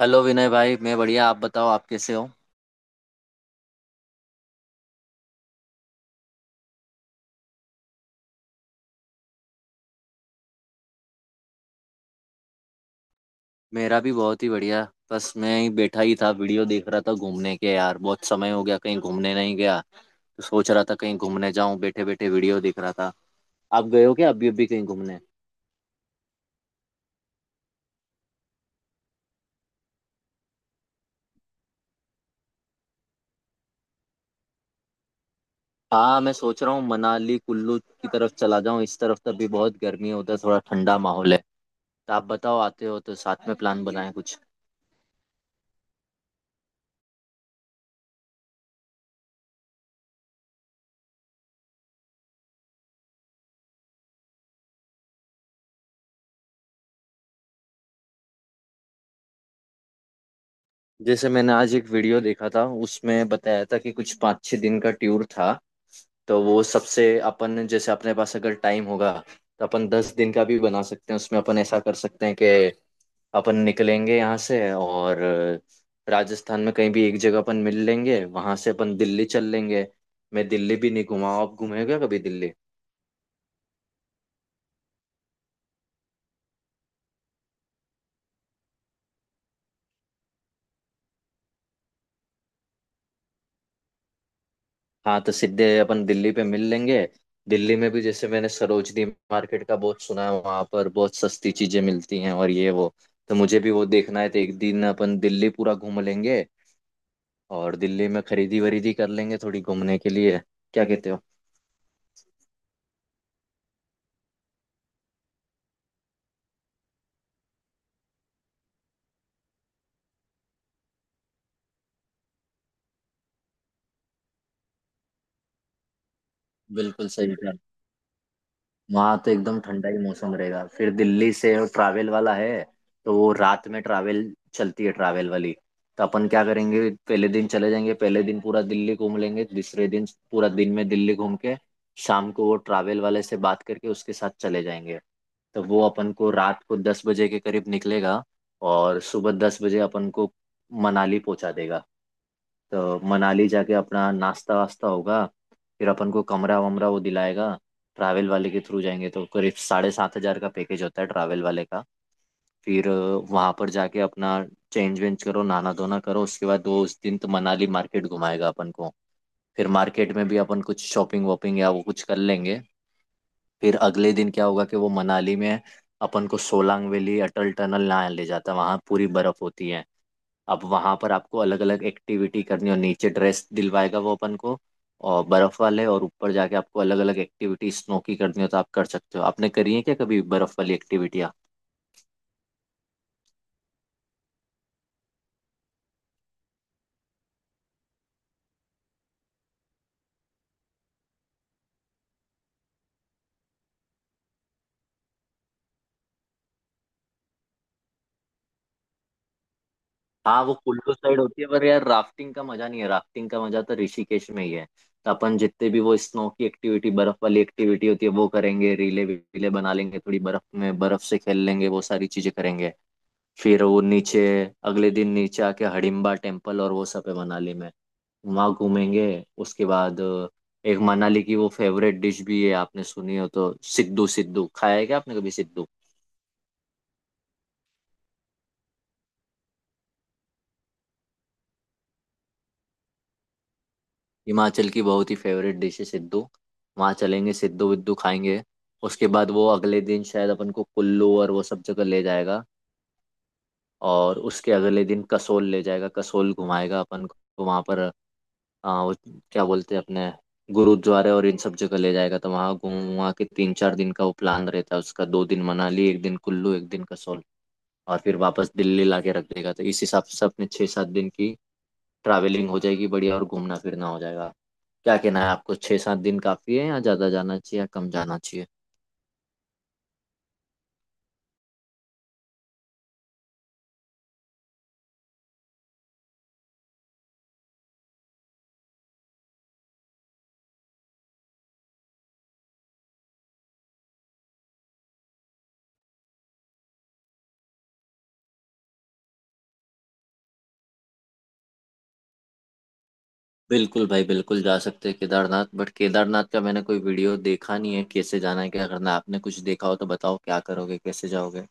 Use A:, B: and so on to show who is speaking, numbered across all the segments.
A: Hello Vinay भाई। मैं बढ़िया, आप बताओ, आप कैसे हो? मेरा भी बहुत ही बढ़िया। बस मैं ही बैठा ही था, वीडियो देख रहा था। घूमने के यार बहुत समय हो गया, कहीं घूमने नहीं गया। तो सोच रहा था कहीं घूमने जाऊं, बैठे बैठे वीडियो देख रहा था। आप गए हो क्या अभी अभी कहीं घूमने? हाँ, मैं सोच रहा हूँ मनाली कुल्लू की तरफ चला जाऊं। इस तरफ तो अभी बहुत गर्मी है, उधर थोड़ा ठंडा माहौल है। तो आप बताओ, आते हो तो साथ में प्लान बनाएं कुछ। जैसे मैंने आज एक वीडियो देखा था, उसमें बताया था कि कुछ पाँच छः दिन का टूर था। तो वो सबसे अपन जैसे अपने पास अगर टाइम होगा तो अपन 10 दिन का भी बना सकते हैं। उसमें अपन ऐसा कर सकते हैं कि अपन निकलेंगे यहाँ से और राजस्थान में कहीं भी एक जगह अपन मिल लेंगे, वहां से अपन दिल्ली चल लेंगे। मैं दिल्ली भी नहीं घुमा हूं। आप घूमे क्या कभी दिल्ली? हाँ, तो सीधे अपन दिल्ली पे मिल लेंगे। दिल्ली में भी जैसे मैंने सरोजनी मार्केट का बहुत सुना है, वहां पर बहुत सस्ती चीजें मिलती हैं और ये वो। तो मुझे भी वो देखना है, तो एक दिन अपन दिल्ली पूरा घूम लेंगे और दिल्ली में खरीदी वरीदी कर लेंगे थोड़ी घूमने के लिए। क्या कहते हो? बिल्कुल सही कहा। वहाँ तो एकदम ठंडा ही मौसम रहेगा। फिर दिल्ली से ट्रैवल वाला है, तो वो रात में ट्रैवल चलती है ट्रैवल वाली। तो अपन क्या करेंगे, पहले दिन चले जाएंगे, पहले दिन पूरा दिल्ली घूम लेंगे, दूसरे दिन पूरा दिन में दिल्ली घूम के शाम को वो ट्रैवल वाले से बात करके उसके साथ चले जाएंगे। तो वो अपन को रात को 10 बजे के करीब निकलेगा और सुबह 10 बजे अपन को मनाली पहुंचा देगा। तो मनाली जाके अपना नाश्ता वास्ता होगा, फिर अपन को कमरा वमरा वो दिलाएगा। ट्रैवल वाले के थ्रू जाएंगे तो करीब 7,500 का पैकेज होता है ट्रैवल वाले का। फिर वहां पर जाके अपना चेंज वेंज करो, नहाना धोना करो। उसके बाद वो उस दिन तो मनाली मार्केट घुमाएगा अपन को, फिर मार्केट में भी अपन कुछ शॉपिंग वॉपिंग या वो कुछ कर लेंगे। फिर अगले दिन क्या होगा कि वो मनाली में अपन को सोलांग वैली अटल टनल ना ले जाता, वहाँ पूरी बर्फ होती है। अब वहां पर आपको अलग अलग एक्टिविटी करनी और नीचे ड्रेस दिलवाएगा वो अपन को और बर्फ वाले। और ऊपर जाके आपको अलग अलग एक्टिविटी स्नो की करनी हो तो आप कर सकते हो। आपने करी है क्या कभी बर्फ वाली एक्टिविटियाँ? हाँ, वो कुल्लू साइड होती है, पर यार राफ्टिंग का मजा नहीं है, राफ्टिंग का मजा तो ऋषिकेश में ही है। तो अपन जितने भी वो स्नो की एक्टिविटी बर्फ वाली एक्टिविटी होती है वो करेंगे, रीले वीले बना लेंगे, थोड़ी बर्फ में बर्फ से खेल लेंगे, वो सारी चीजें करेंगे। फिर वो नीचे अगले दिन नीचे आके हडिम्बा टेम्पल और वो सब है मनाली में, वहाँ घूमेंगे। उसके बाद एक मनाली की वो फेवरेट डिश भी है, आपने सुनी हो तो सिद्धू। सिद्धू खाया है क्या आपने कभी सिद्धू? हिमाचल की बहुत ही फेवरेट डिश है सिद्धू। वहाँ चलेंगे सिद्धू विद्धू खाएंगे। उसके बाद वो अगले दिन शायद अपन को कुल्लू और वो सब जगह ले जाएगा और उसके अगले दिन कसोल ले जाएगा, कसोल घुमाएगा अपन को। तो वहाँ पर वो क्या बोलते हैं अपने गुरुद्वारे और इन सब जगह ले जाएगा। तो वहाँ घूम वहाँ के तीन चार दिन का वो प्लान रहता है उसका, दो दिन मनाली, एक दिन कुल्लू, एक दिन कसोल। और फिर वापस दिल्ली ला के रख देगा, तो इस हिसाब से अपने छः सात दिन की ट्रैवलिंग हो जाएगी बढ़िया और घूमना फिरना हो जाएगा। क्या कहना है आपको, छः सात दिन काफ़ी है या ज़्यादा जाना चाहिए या कम जाना चाहिए? बिल्कुल भाई, बिल्कुल जा सकते हैं केदारनाथ। बट केदारनाथ का मैंने कोई वीडियो देखा नहीं है, कैसे जाना है, क्या करना है। आपने कुछ देखा हो तो बताओ, क्या करोगे, कैसे जाओगे?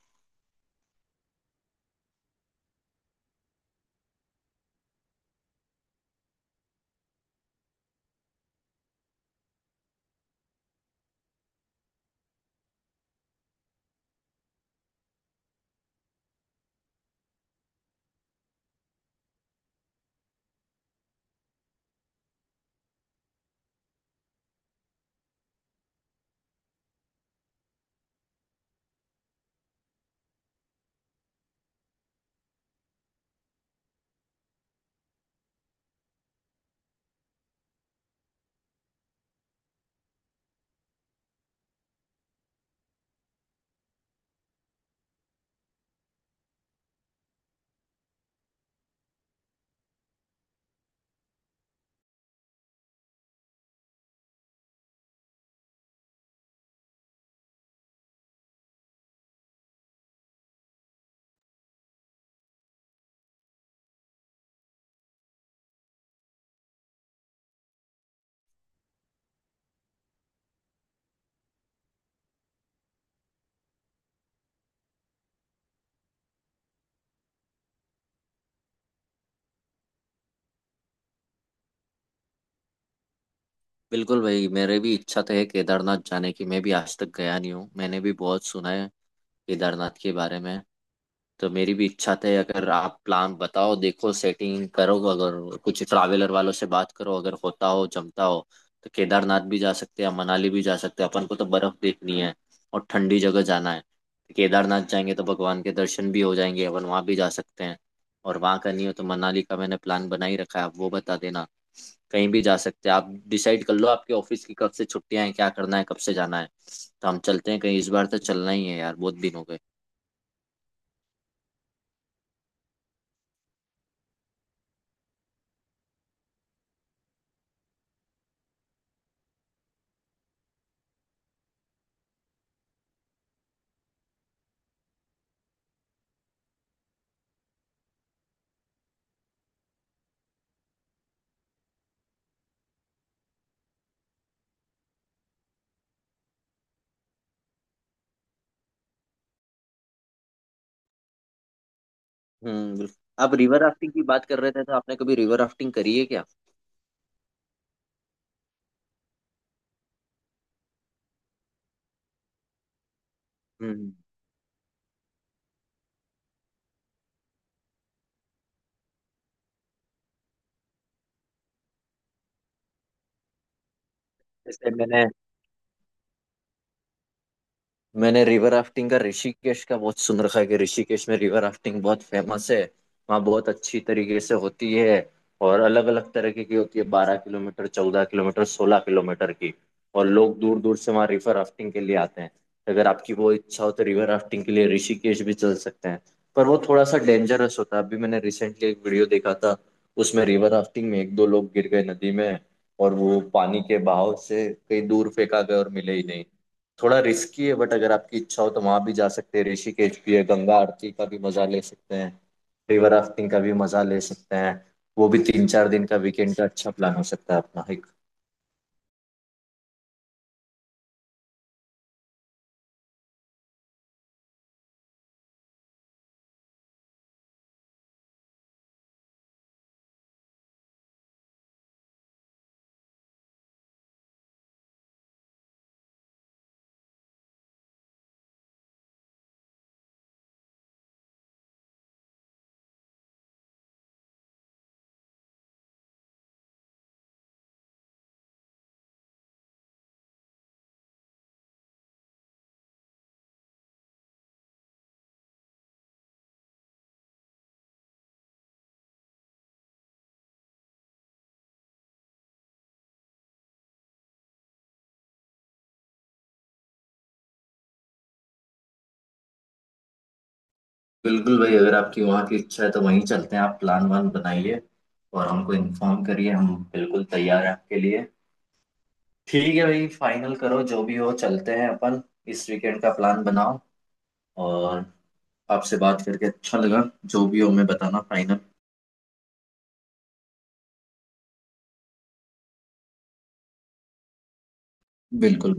A: बिल्कुल भाई, मेरे भी इच्छा तो है केदारनाथ जाने की। मैं भी आज तक गया नहीं हूँ, मैंने भी बहुत सुना है केदारनाथ के बारे में। तो मेरी भी इच्छा थे। अगर आप प्लान बताओ, देखो सेटिंग करो, अगर कुछ ट्रैवलर वालों से बात करो, अगर होता हो जमता हो तो केदारनाथ भी जा सकते हैं, मनाली भी जा सकते हैं। अपन को तो बर्फ देखनी है और ठंडी जगह जाना है, तो केदारनाथ जाएंगे तो भगवान के दर्शन भी हो जाएंगे, अपन वहाँ भी जा सकते हैं। और वहाँ का नहीं हो तो मनाली का मैंने प्लान बना ही रखा है, आप वो बता देना। कहीं भी जा सकते हैं, आप डिसाइड कर लो। आपके ऑफिस की कब से छुट्टियां हैं, क्या करना है, कब से जाना है। तो हम चलते हैं कहीं, इस बार तो चलना ही है यार, बहुत दिन हो गए। हम्म, बिल्कुल। आप रिवर राफ्टिंग की बात कर रहे थे, तो आपने कभी रिवर राफ्टिंग करी है क्या? हम्म। जैसे मैंने मैंने रिवर राफ्टिंग का ऋषिकेश का बहुत सुन रखा है कि ऋषिकेश में रिवर राफ्टिंग बहुत फेमस है। वहाँ बहुत अच्छी तरीके से होती है और अलग अलग तरीके की होती है, 12 किलोमीटर, 14 किलोमीटर, 16 किलोमीटर की। और लोग दूर दूर से वहाँ रिवर राफ्टिंग के लिए आते हैं। अगर आपकी वो इच्छा हो तो रिवर राफ्टिंग के लिए ऋषिकेश भी चल सकते हैं। पर वो थोड़ा सा डेंजरस होता है, अभी मैंने रिसेंटली एक वीडियो देखा था। उसमें रिवर राफ्टिंग में एक दो लोग गिर गए नदी में और वो पानी के बहाव से कहीं दूर फेंका गए और मिले ही नहीं। थोड़ा रिस्की है, बट अगर आपकी इच्छा हो तो वहां भी जा सकते हैं। ऋषिकेश भी है, गंगा आरती का भी मजा ले सकते हैं, रिवर राफ्टिंग का भी मजा ले सकते हैं। वो भी तीन चार दिन का वीकेंड का अच्छा प्लान हो सकता है अपना एक। बिल्कुल भाई, अगर आपकी वहाँ की इच्छा है तो वहीं चलते हैं। आप प्लान वान बनाइए और हमको इन्फॉर्म करिए, हम बिल्कुल तैयार हैं आपके लिए। ठीक है भाई, फाइनल करो जो भी हो, चलते हैं अपन। इस वीकेंड का प्लान बनाओ। और आपसे बात करके अच्छा लगा। जो भी हो हमें बताना फाइनल। बिल्कुल।